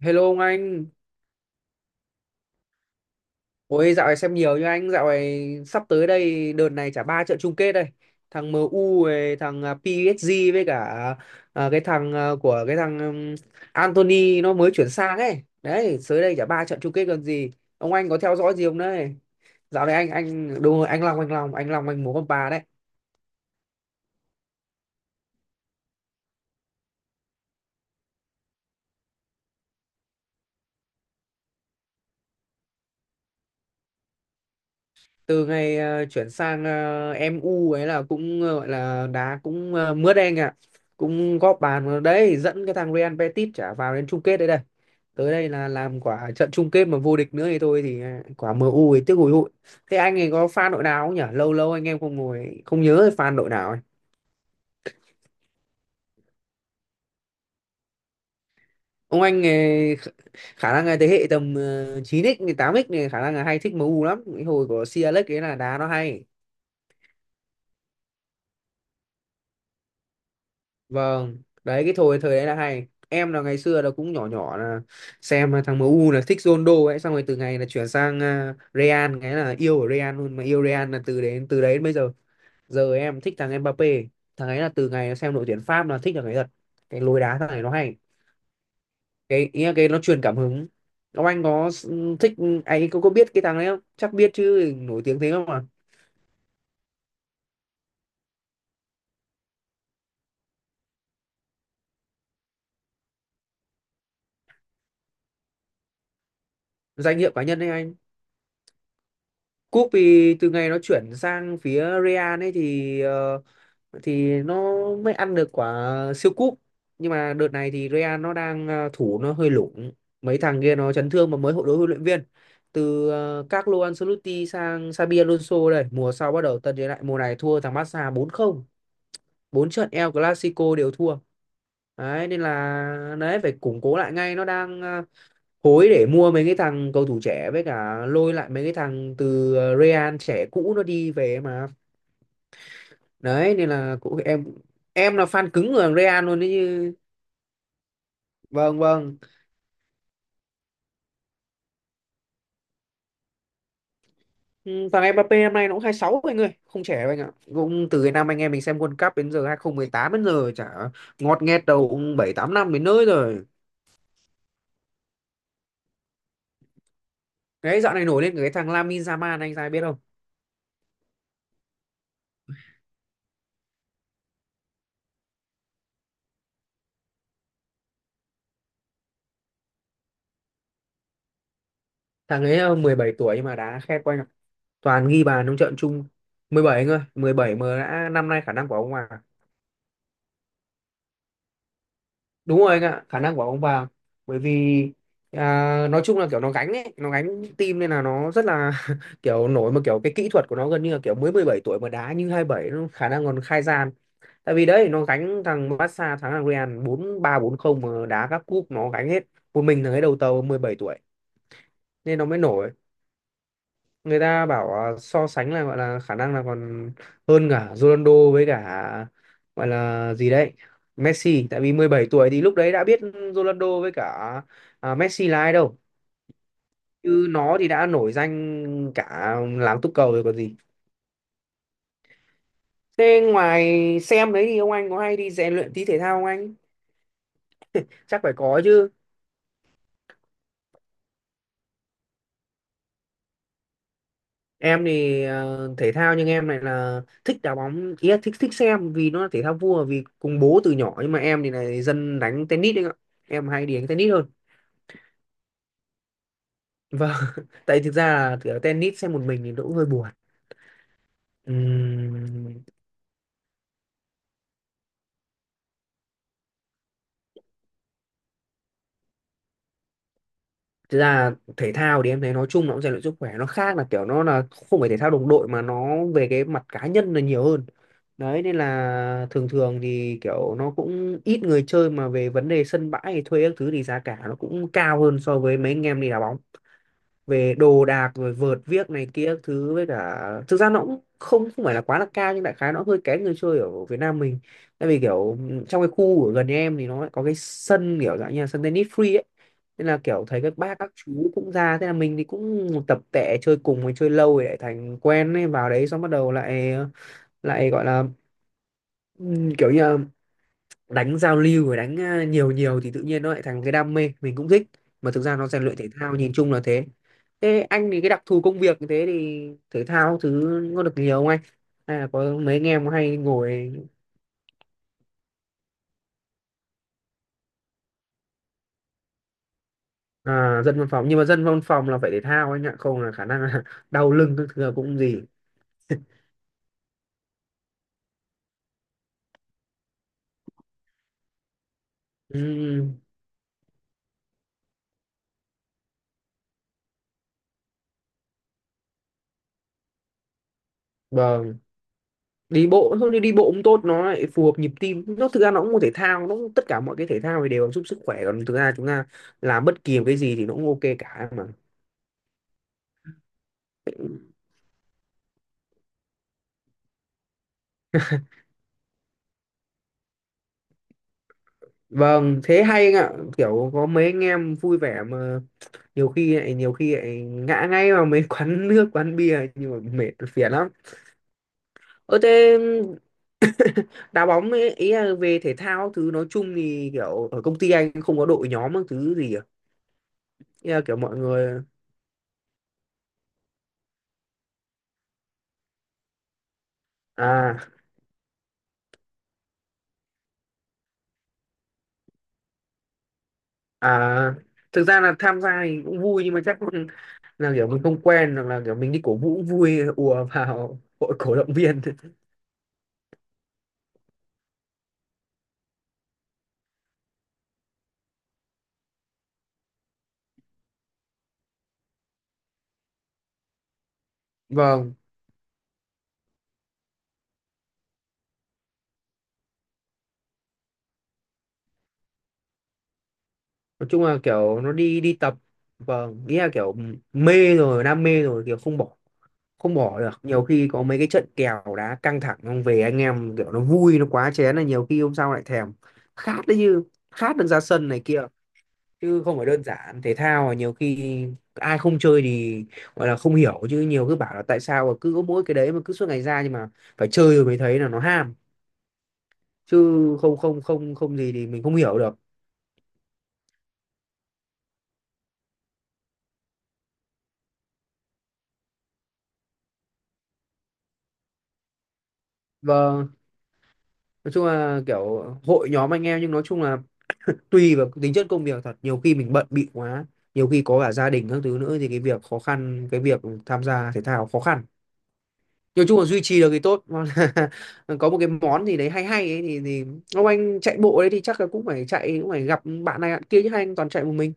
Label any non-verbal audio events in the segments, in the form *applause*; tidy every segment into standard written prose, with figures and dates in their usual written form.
Hello ông anh, ôi dạo này xem nhiều như anh, dạo này sắp tới đây đợt này chả ba trận chung kết đây, thằng MU với thằng PSG với cả cái thằng của cái thằng Anthony nó mới chuyển sang ấy, đấy tới đây chả ba trận chung kết gần gì, ông anh có theo dõi gì không đấy? Dạo này anh đúng rồi anh Long anh Long anh Long anh muốn con bà đấy. Từ ngày chuyển sang MU ấy là cũng gọi là đá cũng mướt anh ạ, cũng góp bàn vào đấy dẫn cái thằng Real Betis trả vào đến chung kết đấy đây. Tới đây là làm quả trận chung kết mà vô địch nữa thì thôi thì quả MU ấy tiếc hùi hụi. Thế anh ấy có fan đội nào không nhỉ, lâu lâu anh em không ngồi không nhớ fan đội nào ấy. Ông anh khả năng là thế hệ tầm 9x tám x này khả năng là hay thích MU lắm, cái hồi của Sir Alex ấy là đá nó hay. Vâng, đấy cái thời thời đấy là hay. Em là ngày xưa là cũng nhỏ nhỏ là xem thằng em u là thích Ronaldo ấy, xong rồi từ ngày là chuyển sang Real cái là yêu ở Real luôn, mà yêu Real là từ đấy đến bây giờ. Giờ em thích thằng Mbappé, thằng ấy là từ ngày xem đội tuyển Pháp là thích thằng ấy thật. Cái lối đá thằng này nó hay. Cái ý là cái nó truyền cảm hứng. Ông anh có thích, anh có biết cái thằng đấy không? Chắc biết chứ, nổi tiếng thế không à. Danh hiệu cá nhân đấy anh. Cúp thì từ ngày nó chuyển sang phía Real ấy thì nó mới ăn được quả siêu cúp, nhưng mà đợt này thì Real nó đang thủ nó hơi lủng, mấy thằng kia nó chấn thương mà mới hội đối huấn luyện viên từ Carlo Ancelotti sang Xabi Alonso. Đây mùa sau bắt đầu tân thế lại, mùa này thua thằng Barca 4-0, 4 trận El Clasico đều thua. Đấy nên là đấy phải củng cố lại ngay, nó đang hối để mua mấy cái thằng cầu thủ trẻ, với cả lôi lại mấy cái thằng từ Real trẻ cũ nó đi về mà. Đấy nên là cũng em là fan cứng của thằng Real luôn đấy chứ. Vâng vâng. Ừ, thằng Mbappé năm nay nó cũng 26 anh ơi, không trẻ đâu anh ạ, cũng từ cái năm anh em mình xem World Cup đến giờ, 2018 đến giờ chả ngọt nghẹt đầu cũng bảy tám năm đến nơi rồi. Cái dạo này nổi lên cái thằng Lamine Yamal anh ra biết không? Thằng ấy 17 tuổi nhưng mà đá khét quá anh ạ, toàn ghi bàn trong trận chung. 17 anh ơi, 17 mà đã, năm nay khả năng của ông mà. Đúng rồi anh ạ, khả năng của ông vào. Bởi vì nói chung là kiểu nó gánh ấy, nó gánh team nên là nó rất là *laughs* kiểu nổi, mà kiểu cái kỹ thuật của nó gần như là kiểu mới 17 tuổi mà đá như 27, nó khả năng còn khai gian, tại vì đấy nó gánh thằng Barca thắng thằng Real 4-3 4-0 mà đá các cúp nó gánh hết, một mình thằng ấy đầu tàu 17 tuổi. Nên nó mới nổi, người ta bảo so sánh là gọi là khả năng là còn hơn cả Ronaldo với cả gọi là gì đấy Messi, tại vì 17 tuổi thì lúc đấy đã biết Ronaldo với cả Messi là ai đâu, chứ nó thì đã nổi danh cả làng túc cầu rồi còn gì. Thế ngoài xem đấy thì ông anh có hay đi rèn luyện tí thể thao không anh, chắc phải có chứ. Em thì thể thao, nhưng em này là thích đá bóng, ý là thích thích xem vì nó là thể thao vua vì cùng bố từ nhỏ, nhưng mà em thì này dân đánh tennis đấy ạ, em hay đi đánh tennis hơn. Vâng. *laughs* Tại thực ra là kiểu tennis xem một mình thì nó cũng hơi buồn. Ừm, Thực ra thể thao thì em thấy nói chung nó cũng rèn luyện sức khỏe, nó khác là kiểu nó là không phải thể thao đồng đội mà nó về cái mặt cá nhân là nhiều hơn. Đấy nên là thường thường thì kiểu nó cũng ít người chơi, mà về vấn đề sân bãi hay thuê các thứ thì giá cả nó cũng cao hơn so với mấy anh em đi đá bóng, về đồ đạc rồi vợt viếc này kia các thứ. Với cả thực ra nó cũng không không phải là quá là cao, nhưng đại khái nó hơi kén người chơi ở Việt Nam mình. Tại vì kiểu trong cái khu ở gần nhà em thì nó lại có cái sân kiểu dạng như là sân tennis free ấy, nên là kiểu thấy các bác các chú cũng ra, thế là mình thì cũng tập tệ chơi cùng, mình chơi lâu rồi lại thành quen ấy, vào đấy xong bắt đầu lại lại gọi là ừ, kiểu như là đánh giao lưu và đánh nhiều nhiều thì tự nhiên nó lại thành cái đam mê, mình cũng thích, mà thực ra nó rèn luyện thể thao nhìn chung là thế. Thế anh thì cái đặc thù công việc như thế thì thể thao thứ có được nhiều không anh, hay là có mấy anh em hay ngồi. Dân văn phòng nhưng mà dân văn phòng là phải thể thao anh ạ, không là khả năng là *laughs* đau lưng các thứ là cũng gì. Ừm, vâng. Đi bộ thôi, đi đi bộ cũng tốt, nó lại phù hợp nhịp tim, nó thực ra nó cũng một thể thao, nó cũng, tất cả mọi cái thể thao thì đều giúp sức khỏe, còn thực ra chúng ta làm bất kỳ một cái gì thì nó cũng ok cả mà. Vâng, thế hay anh ạ, kiểu có mấy anh em vui vẻ mà nhiều khi lại ngã ngay vào mấy *laughs* quán nước, quán bia nhưng mà mệt phiền lắm. Ơ thế đá bóng ấy, ý là về thể thao thứ nói chung thì kiểu ở công ty anh không có đội nhóm các thứ gì à? Ý là kiểu mọi người à à thực ra là tham gia thì cũng vui, nhưng mà chắc là kiểu mình không quen, hoặc là kiểu mình đi cổ vũ cũng vui, ùa vào *laughs* hội cổ động viên. Vâng. Nói chung là kiểu nó đi đi tập, vâng, nghĩa là kiểu mê rồi, đam mê rồi kiểu không bỏ được, nhiều khi có mấy cái trận kèo đá căng thẳng, không về anh em kiểu nó vui nó quá chén là nhiều khi hôm sau lại thèm khát đấy, như khát được ra sân này kia, chứ không phải đơn giản. Thể thao là nhiều khi ai không chơi thì gọi là không hiểu, chứ nhiều cứ bảo là tại sao mà cứ có mỗi cái đấy mà cứ suốt ngày ra, nhưng mà phải chơi rồi mới thấy là nó ham, chứ không không không không gì thì mình không hiểu được. Vâng, nói chung là kiểu hội nhóm anh em, nhưng nói chung là *laughs* tùy vào tính chất công việc thật, nhiều khi mình bận bịu quá, nhiều khi có cả gia đình các thứ nữa thì cái việc khó khăn, cái việc tham gia thể thao khó khăn. Nói chung là duy trì được thì tốt. *laughs* Còn là có một cái món gì đấy hay hay ấy, thì ông anh chạy bộ đấy thì chắc là cũng phải chạy, cũng phải gặp bạn này bạn kia chứ, hai anh toàn chạy một mình.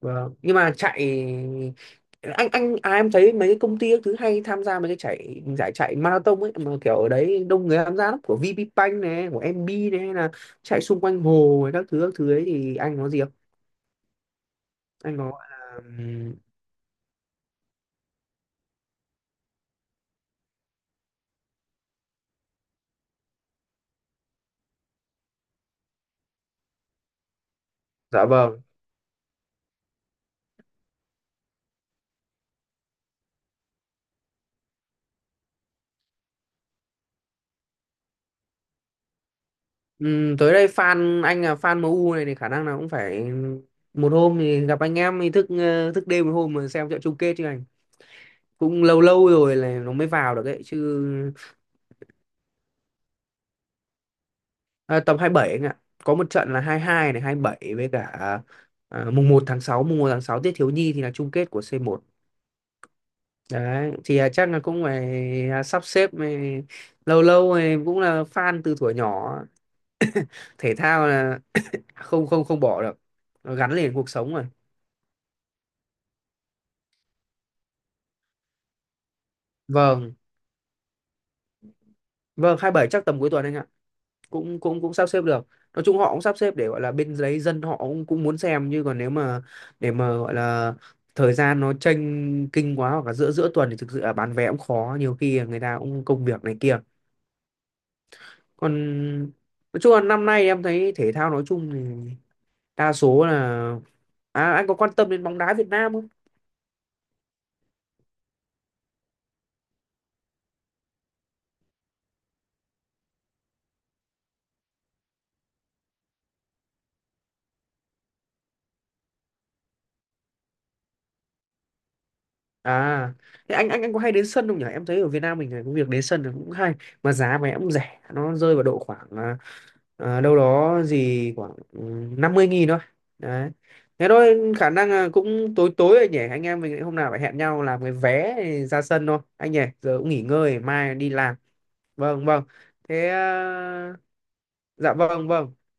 Vâng. Nhưng mà chạy, em thấy mấy cái công ty các thứ hay tham gia mấy cái chạy giải chạy marathon ấy, mà kiểu ở đấy đông người tham gia lắm, của VPBank này của MB này, hay là chạy xung quanh hồ ấy, các thứ ấy thì anh có gì không, anh có gọi là dạ vâng. Tới đây fan anh là fan MU này thì khả năng là cũng phải một hôm thì gặp anh em thì thức đêm một hôm mà xem trận chung kết chứ anh, cũng lâu lâu rồi là nó mới vào được ấy chứ. À, tầm 27 anh ạ. Có một trận là 22 này, 27, với cả mùng 1 tháng 6, mùng 1 tháng 6 Tiết Thiếu Nhi thì là chung kết của C1. Đấy, thì chắc là cũng phải sắp xếp, lâu lâu, cũng là fan từ thuở nhỏ. Thể thao là không không không bỏ được. Nó gắn liền cuộc sống rồi. Vâng, vâng 27 chắc tầm cuối tuần anh ạ. Cũng cũng cũng sắp xếp được, nói chung họ cũng sắp xếp để gọi là bên đấy dân họ cũng cũng muốn xem chứ, còn nếu mà để mà gọi là thời gian nó chênh kinh quá, hoặc là giữa giữa tuần thì thực sự là bán vé cũng khó, nhiều khi là người ta cũng công việc này kia, còn nói chung là năm nay em thấy thể thao nói chung thì đa số là, anh có quan tâm đến bóng đá Việt Nam không? À, thế anh có hay đến sân không nhỉ? Em thấy ở Việt Nam mình này, cái việc đến sân là cũng hay, mà giá vé cũng rẻ, nó rơi vào độ khoảng đâu đó gì khoảng 50.000 thôi. Đấy. Thế thôi khả năng là cũng tối tối rồi nhỉ. Anh em mình hôm nào phải hẹn nhau làm cái vé ra sân thôi. Anh nhỉ, giờ cũng nghỉ ngơi mai đi làm. Vâng vâng. Thế à, dạ vâng vâng.